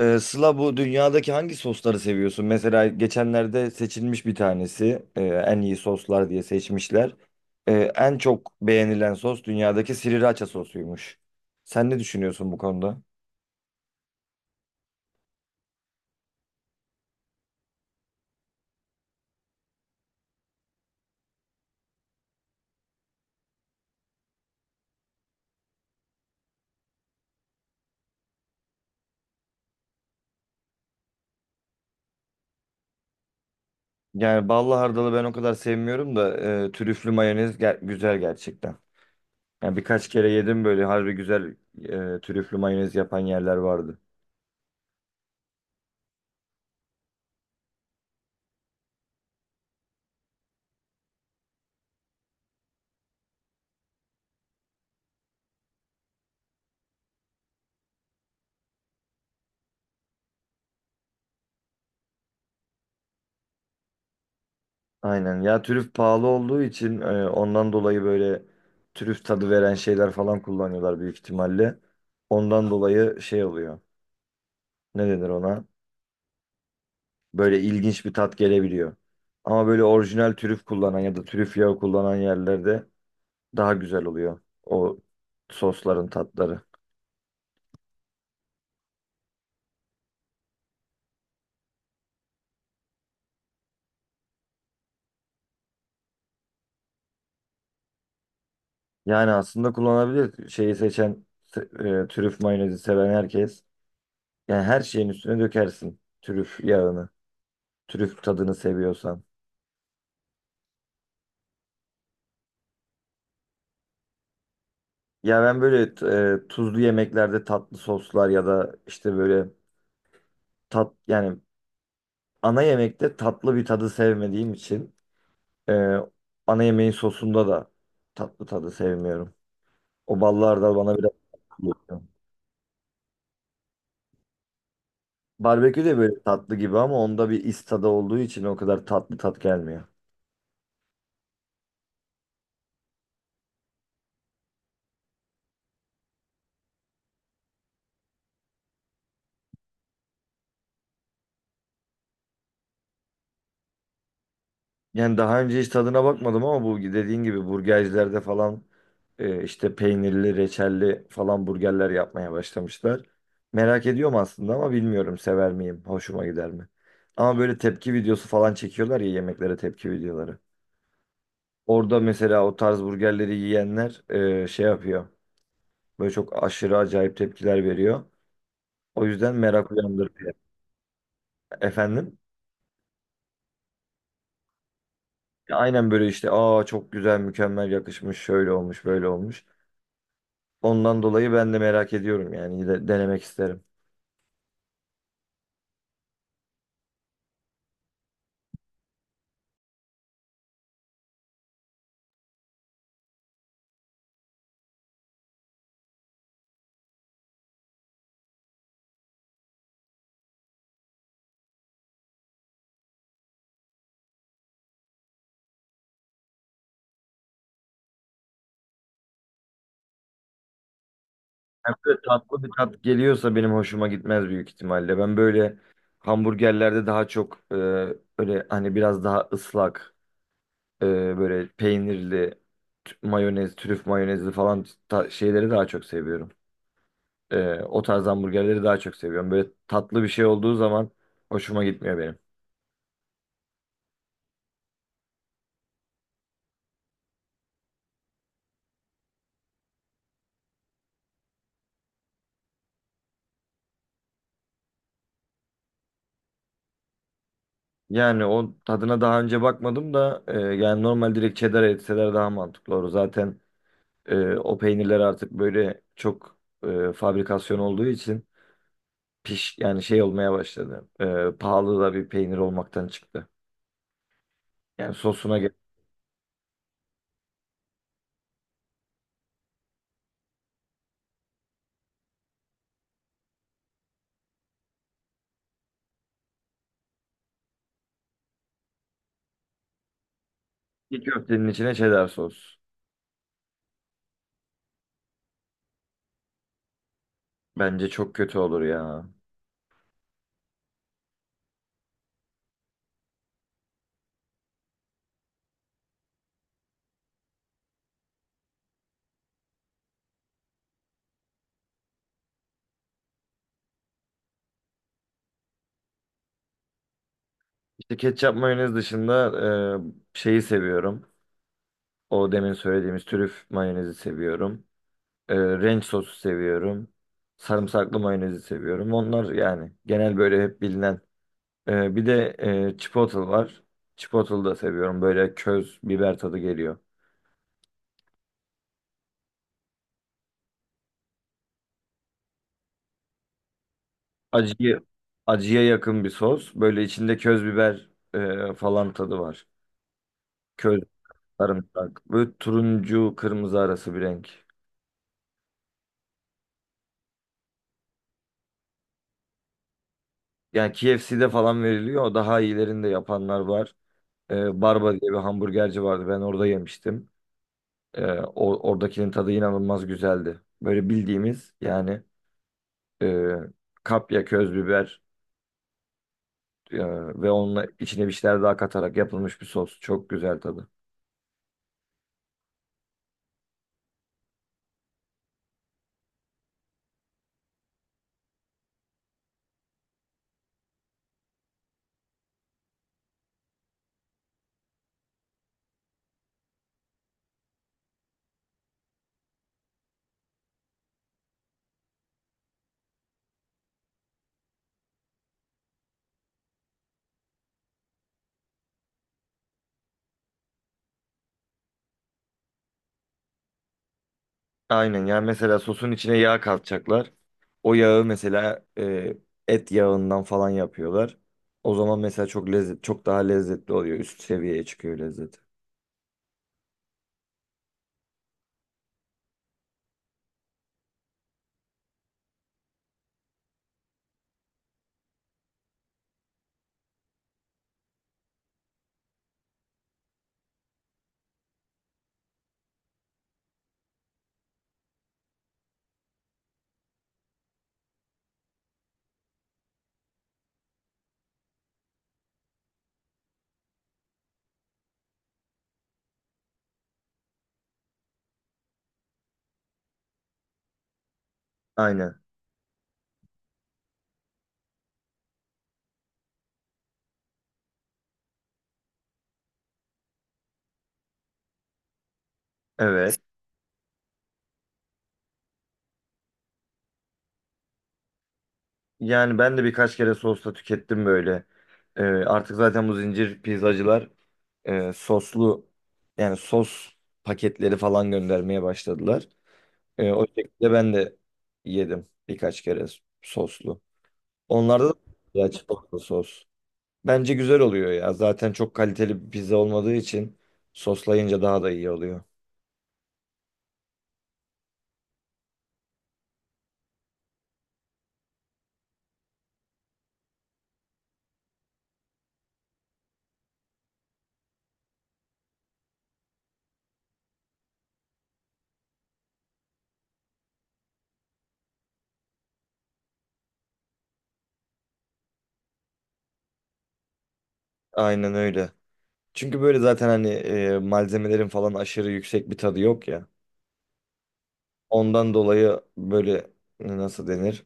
Sıla, bu dünyadaki hangi sosları seviyorsun? Mesela geçenlerde seçilmiş bir tanesi, en iyi soslar diye seçmişler. En çok beğenilen sos dünyadaki sriracha sosuymuş. Sen ne düşünüyorsun bu konuda? Yani ballı hardalı ben o kadar sevmiyorum da trüflü mayonez güzel gerçekten. Yani birkaç kere yedim böyle harbi güzel trüflü mayonez yapan yerler vardı. Aynen ya, trüf pahalı olduğu için ondan dolayı böyle trüf tadı veren şeyler falan kullanıyorlar büyük ihtimalle. Ondan dolayı şey oluyor. Ne denir ona? Böyle ilginç bir tat gelebiliyor. Ama böyle orijinal trüf kullanan ya da trüf yağı kullanan yerlerde daha güzel oluyor o sosların tatları. Yani aslında kullanabilir şeyi seçen, trüf mayonezi seven herkes. Yani her şeyin üstüne dökersin trüf yağını. Trüf tadını seviyorsan. Ya ben böyle tuzlu yemeklerde tatlı soslar ya da işte böyle tat, yani ana yemekte tatlı bir tadı sevmediğim için, e, ana yemeğin sosunda da tatlı tadı sevmiyorum. O ballar da bana biraz tatlı geliyor. Barbekü de böyle tatlı gibi ama onda bir is tadı olduğu için o kadar tatlı tat gelmiyor. Yani daha önce hiç tadına bakmadım ama bu dediğin gibi burgercilerde falan işte peynirli, reçelli falan burgerler yapmaya başlamışlar. Merak ediyorum aslında ama bilmiyorum, sever miyim, hoşuma gider mi? Ama böyle tepki videosu falan çekiyorlar ya, yemeklere tepki videoları. Orada mesela o tarz burgerleri yiyenler şey yapıyor. Böyle çok aşırı acayip tepkiler veriyor. O yüzden merak uyandırıyor. Efendim? Ya aynen, böyle işte, aa çok güzel, mükemmel yakışmış, şöyle olmuş, böyle olmuş. Ondan dolayı ben de merak ediyorum, yani denemek isterim. Hem de tatlı bir tat geliyorsa benim hoşuma gitmez büyük ihtimalle. Ben böyle hamburgerlerde daha çok, öyle hani biraz daha ıslak, e, böyle peynirli mayonez, trüf mayonezli falan şeyleri daha çok seviyorum. O tarz hamburgerleri daha çok seviyorum. Böyle tatlı bir şey olduğu zaman hoşuma gitmiyor benim. Yani o tadına daha önce bakmadım da, yani normal direkt cheddar etseler daha mantıklı olur. Zaten o peynirler artık böyle çok fabrikasyon olduğu için piş, yani şey olmaya başladı. Pahalı da bir peynir olmaktan çıktı. Yani sosuna gel. Bir köftenin içine cheddar sos. Bence çok kötü olur ya. İşte ketçap mayonez dışında şeyi seviyorum. O demin söylediğimiz trüf mayonezi seviyorum. Ranch sosu seviyorum. Sarımsaklı mayonezi seviyorum. Onlar yani genel böyle hep bilinen. Bir de chipotle var. Chipotle da seviyorum. Böyle köz biber tadı geliyor. Acıya, acıya yakın bir sos. Böyle içinde köz biber falan tadı var. Köz, sarımsak. Böyle turuncu, kırmızı arası bir renk. Yani KFC'de falan veriliyor. Daha iyilerinde yapanlar var. Barba diye bir hamburgerci vardı. Ben orada yemiştim. Oradakinin tadı inanılmaz güzeldi. Böyle bildiğimiz, yani e, kapya, köz biber e, ve onunla içine bir şeyler daha katarak yapılmış bir sos. Çok güzel tadı. Aynen, yani mesela sosun içine yağ katacaklar. O yağı mesela et yağından falan yapıyorlar. O zaman mesela çok lezzet, çok daha lezzetli oluyor. Üst seviyeye çıkıyor lezzeti. Aynen. Evet. Yani ben de birkaç kere sosla tükettim böyle. Artık zaten bu zincir pizzacılar soslu, yani sos paketleri falan göndermeye başladılar. O şekilde ben de yedim birkaç kere soslu. Onlarda da ya çikolatalı sos. Bence güzel oluyor ya. Zaten çok kaliteli bir pizza olmadığı için soslayınca daha da iyi oluyor. Aynen öyle. Çünkü böyle zaten hani malzemelerin falan aşırı yüksek bir tadı yok ya. Ondan dolayı böyle, nasıl denir?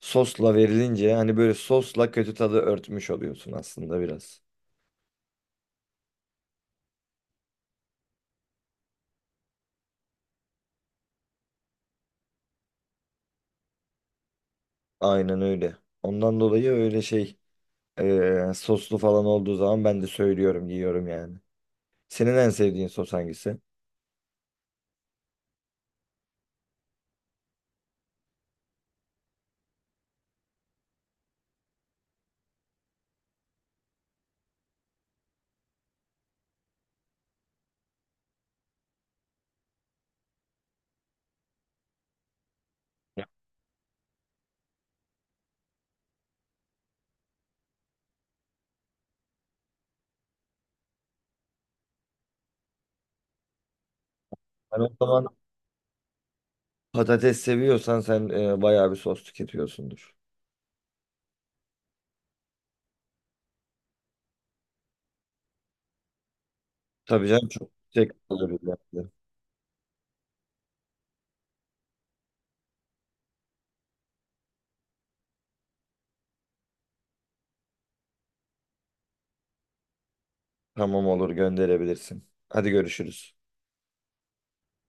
Sosla verilince hani böyle sosla kötü tadı örtmüş oluyorsun aslında biraz. Aynen öyle. Ondan dolayı öyle şey, soslu falan olduğu zaman ben de söylüyorum, yiyorum yani. Senin en sevdiğin sos hangisi? Ya. Ben o zaman, patates seviyorsan sen bayağı bir sos tüketiyorsundur. Tabii canım, çok teşekkür ederim. Tamam, olur, gönderebilirsin. Hadi görüşürüz.